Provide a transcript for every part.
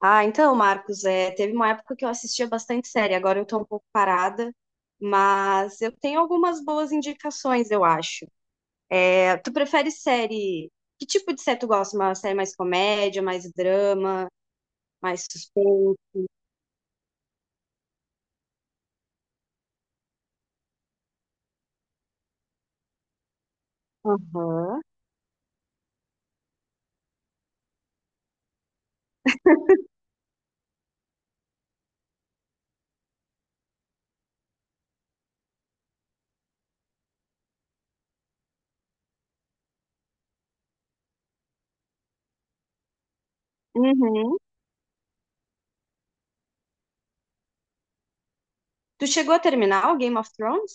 Ah, então, Marcos, teve uma época que eu assistia bastante série, agora eu tô um pouco parada, mas eu tenho algumas boas indicações, eu acho. É, tu prefere série? Que tipo de série tu gosta? Uma série mais comédia, mais drama, mais suspense? Aham. Uhum. Tu chegou a terminar o Game of Thrones?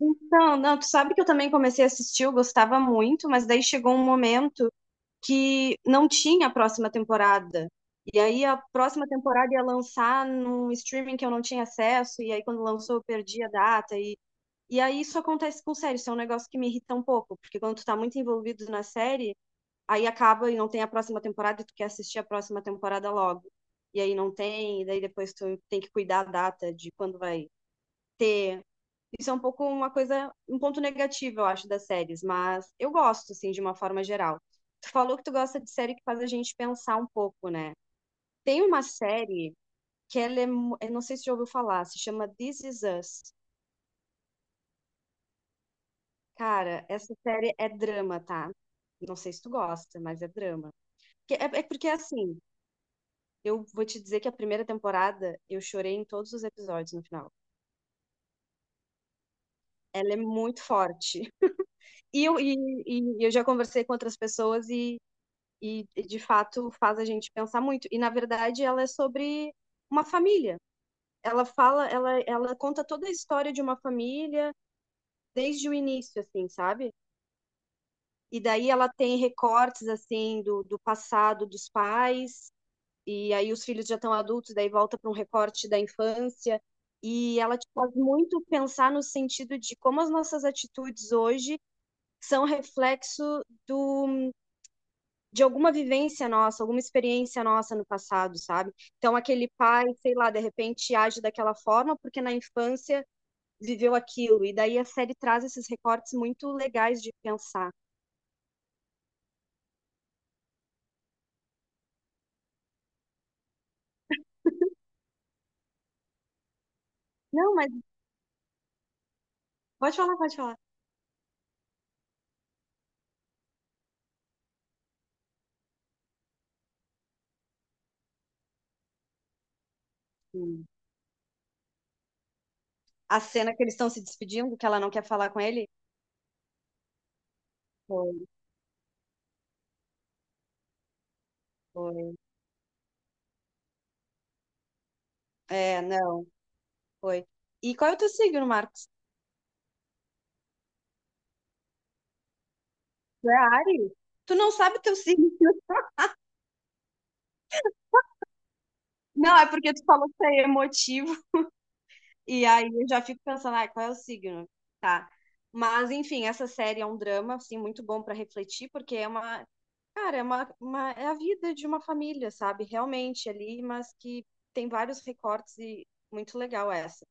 Então, não, tu sabe que eu também comecei a assistir, eu gostava muito, mas daí chegou um momento que não tinha a próxima temporada. E aí a próxima temporada ia lançar num streaming que eu não tinha acesso, e aí quando lançou eu perdi a data. E aí isso acontece com série, isso é um negócio que me irrita um pouco, porque quando tu tá muito envolvido na série, aí acaba e não tem a próxima temporada e tu quer assistir a próxima temporada logo. E aí não tem, e daí depois tu tem que cuidar a data de quando vai ter. Isso é um pouco uma coisa, um ponto negativo, eu acho, das séries, mas eu gosto, assim, de uma forma geral. Tu falou que tu gosta de série que faz a gente pensar um pouco, né? Tem uma série que ela é, eu não sei se já ouviu falar, se chama This Is Us. Cara, essa série é drama, tá? Não sei se tu gosta, mas é drama. É, é porque, assim, eu vou te dizer que a primeira temporada eu chorei em todos os episódios no final. Ela é muito forte. E eu, e, e eu já conversei com outras pessoas e de fato faz a gente pensar muito. E na verdade ela é sobre uma família. Ela fala, ela conta toda a história de uma família desde o início, assim, sabe? E daí ela tem recortes assim do passado dos pais, e aí os filhos já estão adultos, daí volta para um recorte da infância. E ela te faz muito pensar no sentido de como as nossas atitudes hoje são reflexo do, de alguma vivência nossa, alguma experiência nossa no passado, sabe? Então, aquele pai, sei lá, de repente age daquela forma porque na infância viveu aquilo. E daí a série traz esses recortes muito legais de pensar. Não, mas pode falar, pode falar. Hum. A cena que eles estão se despedindo, que ela não quer falar com ele? Foi, foi. É, não, foi. E qual é o teu signo, Marcos? Tu é Áries? Tu não sabe teu signo. Não, é porque tu falou que é emotivo. E aí eu já fico pensando, ah, qual é o signo? Tá. Mas, enfim, essa série é um drama, assim, muito bom para refletir, porque é uma, cara, é a vida de uma família, sabe? Realmente ali, mas que tem vários recortes e muito legal essa.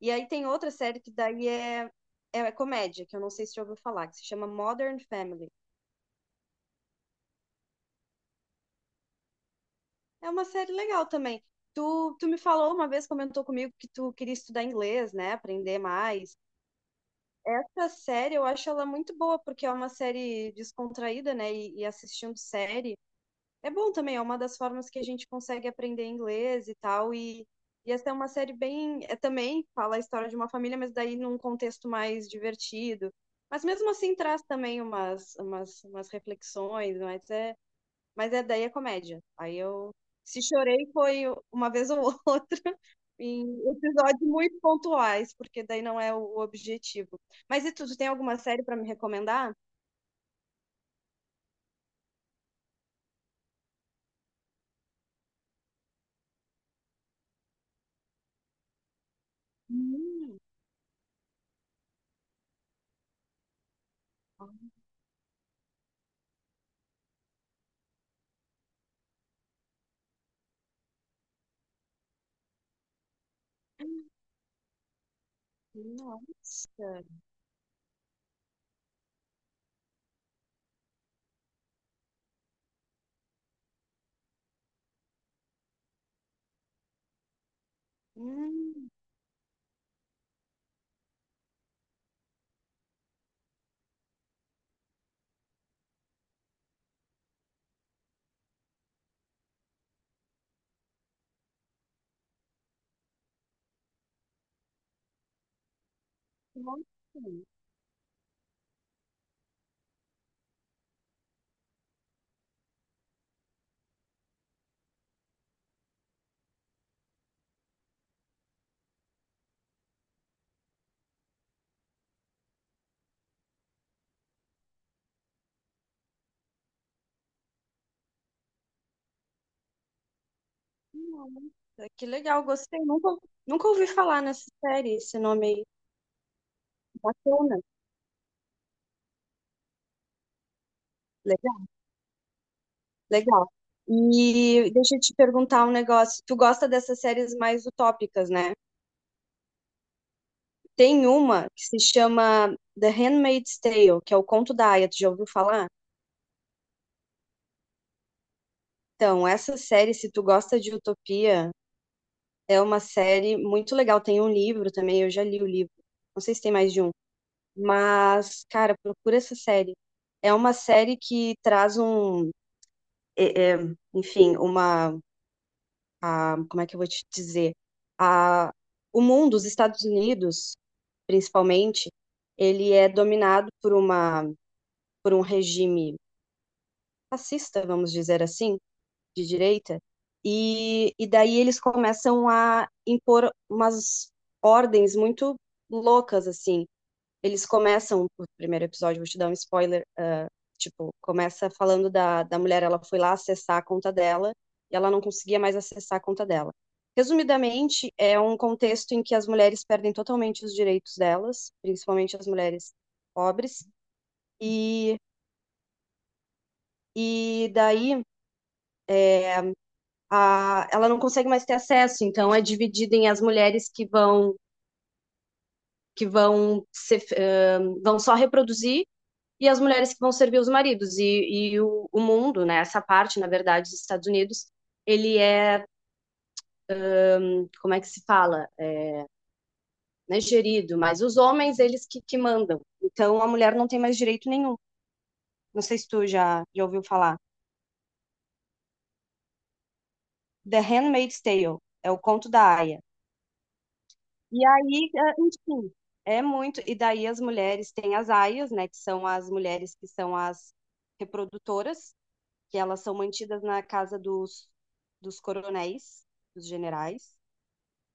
E aí tem outra série que daí é, é, comédia, que eu não sei se você já ouviu falar, que se chama Modern Family. É uma série legal também. Tu me falou uma vez, comentou comigo que tu queria estudar inglês, né? Aprender mais. Essa série eu acho ela muito boa, porque é uma série descontraída, né? E assistindo série é bom também, é uma das formas que a gente consegue aprender inglês e tal. E essa é uma série bem. É, também fala a história de uma família, mas daí num contexto mais divertido. Mas mesmo assim traz também umas reflexões, mas é, daí é comédia. Aí eu. Se chorei foi uma vez ou outra, em episódios muito pontuais, porque daí não é o objetivo. Mas e tu, tu tem alguma série pra me recomendar? Hum, nossa. Hum, nossa. Nossa, que legal, gostei. Nunca ouvi falar nessa série, esse nome aí. Bacana. Legal, legal. E deixa eu te perguntar um negócio. Tu gosta dessas séries mais utópicas, né? Tem uma que se chama The Handmaid's Tale, que é o conto da Aya, tu já ouviu falar? Então, essa série, se tu gosta de utopia, é uma série muito legal. Tem um livro também, eu já li o livro. Não sei se tem mais de um, mas, cara, procura essa série. É uma série que traz um, é- é, enfim, uma, como é que eu vou te dizer? A, o mundo, os Estados Unidos, principalmente, ele é dominado por uma, por um regime fascista, vamos dizer assim, de direita, e daí eles começam a impor umas ordens muito loucas, assim. Eles começam, o primeiro episódio, vou te dar um spoiler, tipo, começa falando da mulher, ela foi lá acessar a conta dela, e ela não conseguia mais acessar a conta dela. Resumidamente, é um contexto em que as mulheres perdem totalmente os direitos delas, principalmente as mulheres pobres, e, e daí ela não consegue mais ter acesso, então é dividida em as mulheres que vão que vão ser, eh, vão só reproduzir e as mulheres que vão servir os maridos e o mundo, né? Essa parte, na verdade, dos Estados Unidos, ele é, como é que se fala? É, né, gerido, mas os homens, eles que mandam. Então a mulher não tem mais direito nenhum. Não sei se tu já ouviu falar. The Handmaid's Tale é o conto da Aya. E aí, ah, enfim, é muito. E daí as mulheres têm as aias, né? Que são as mulheres que são as reprodutoras, que elas são mantidas na casa dos coronéis, dos generais.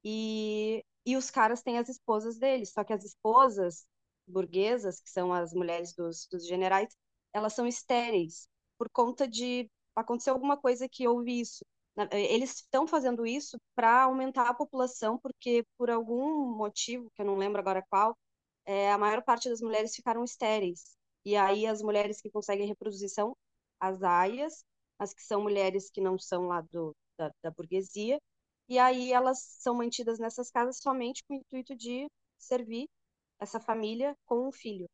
E os caras têm as esposas deles, só que as esposas burguesas, que são as mulheres dos generais, elas são estéreis por conta de aconteceu alguma coisa que houve isso. Eles estão fazendo isso para aumentar a população, porque por algum motivo, que eu não lembro agora qual, é, a maior parte das mulheres ficaram estéreis. E aí as mulheres que conseguem reproduzir são as aias, as que são mulheres que não são lá do, da burguesia, e aí elas são mantidas nessas casas somente com o intuito de servir essa família com um filho.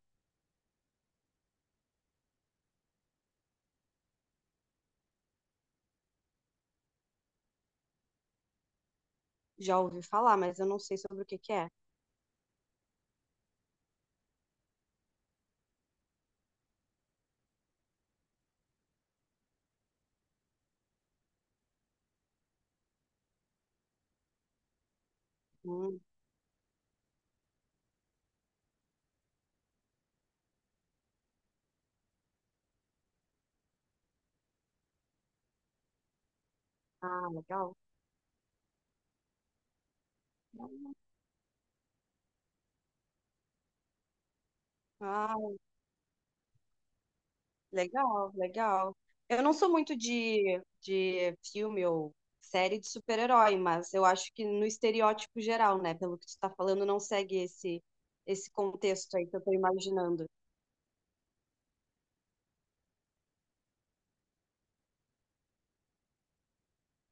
Já ouvi falar, mas eu não sei sobre o que que é. Hum, ah, legal. Ah, legal, legal. Eu não sou muito de filme ou série de super-herói, mas eu acho que no estereótipo geral, né? Pelo que tu tá falando, não segue esse, esse contexto aí que eu tô imaginando.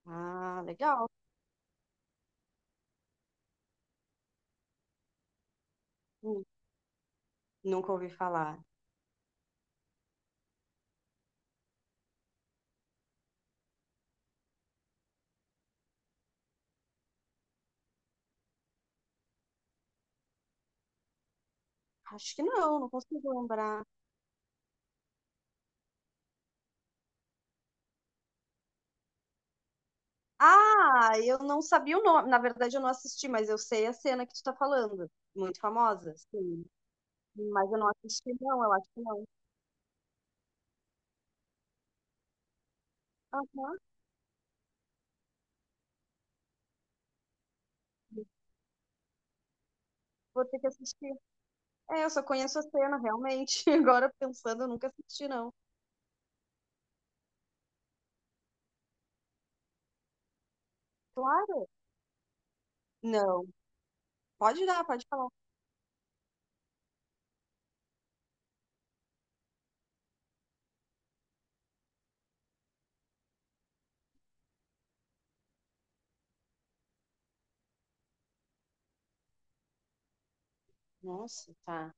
Ah, legal. Hum, Nunca ouvi falar. Acho que não, não consigo lembrar. Ah, eu não sabia o nome. Na verdade, eu não assisti, mas eu sei a cena que tu tá falando. Muito famosa, sim. Mas eu não assisti, não, eu acho que não. Aham, vou ter que assistir. É, eu só conheço a cena, realmente. Agora pensando, eu nunca assisti, não. Claro. Não. Pode dar, pode falar. Nossa, tá.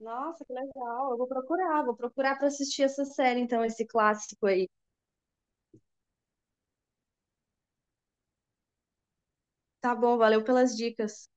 Nossa, que legal. Eu vou procurar pra assistir essa série, então, esse clássico aí. Tá bom, valeu pelas dicas.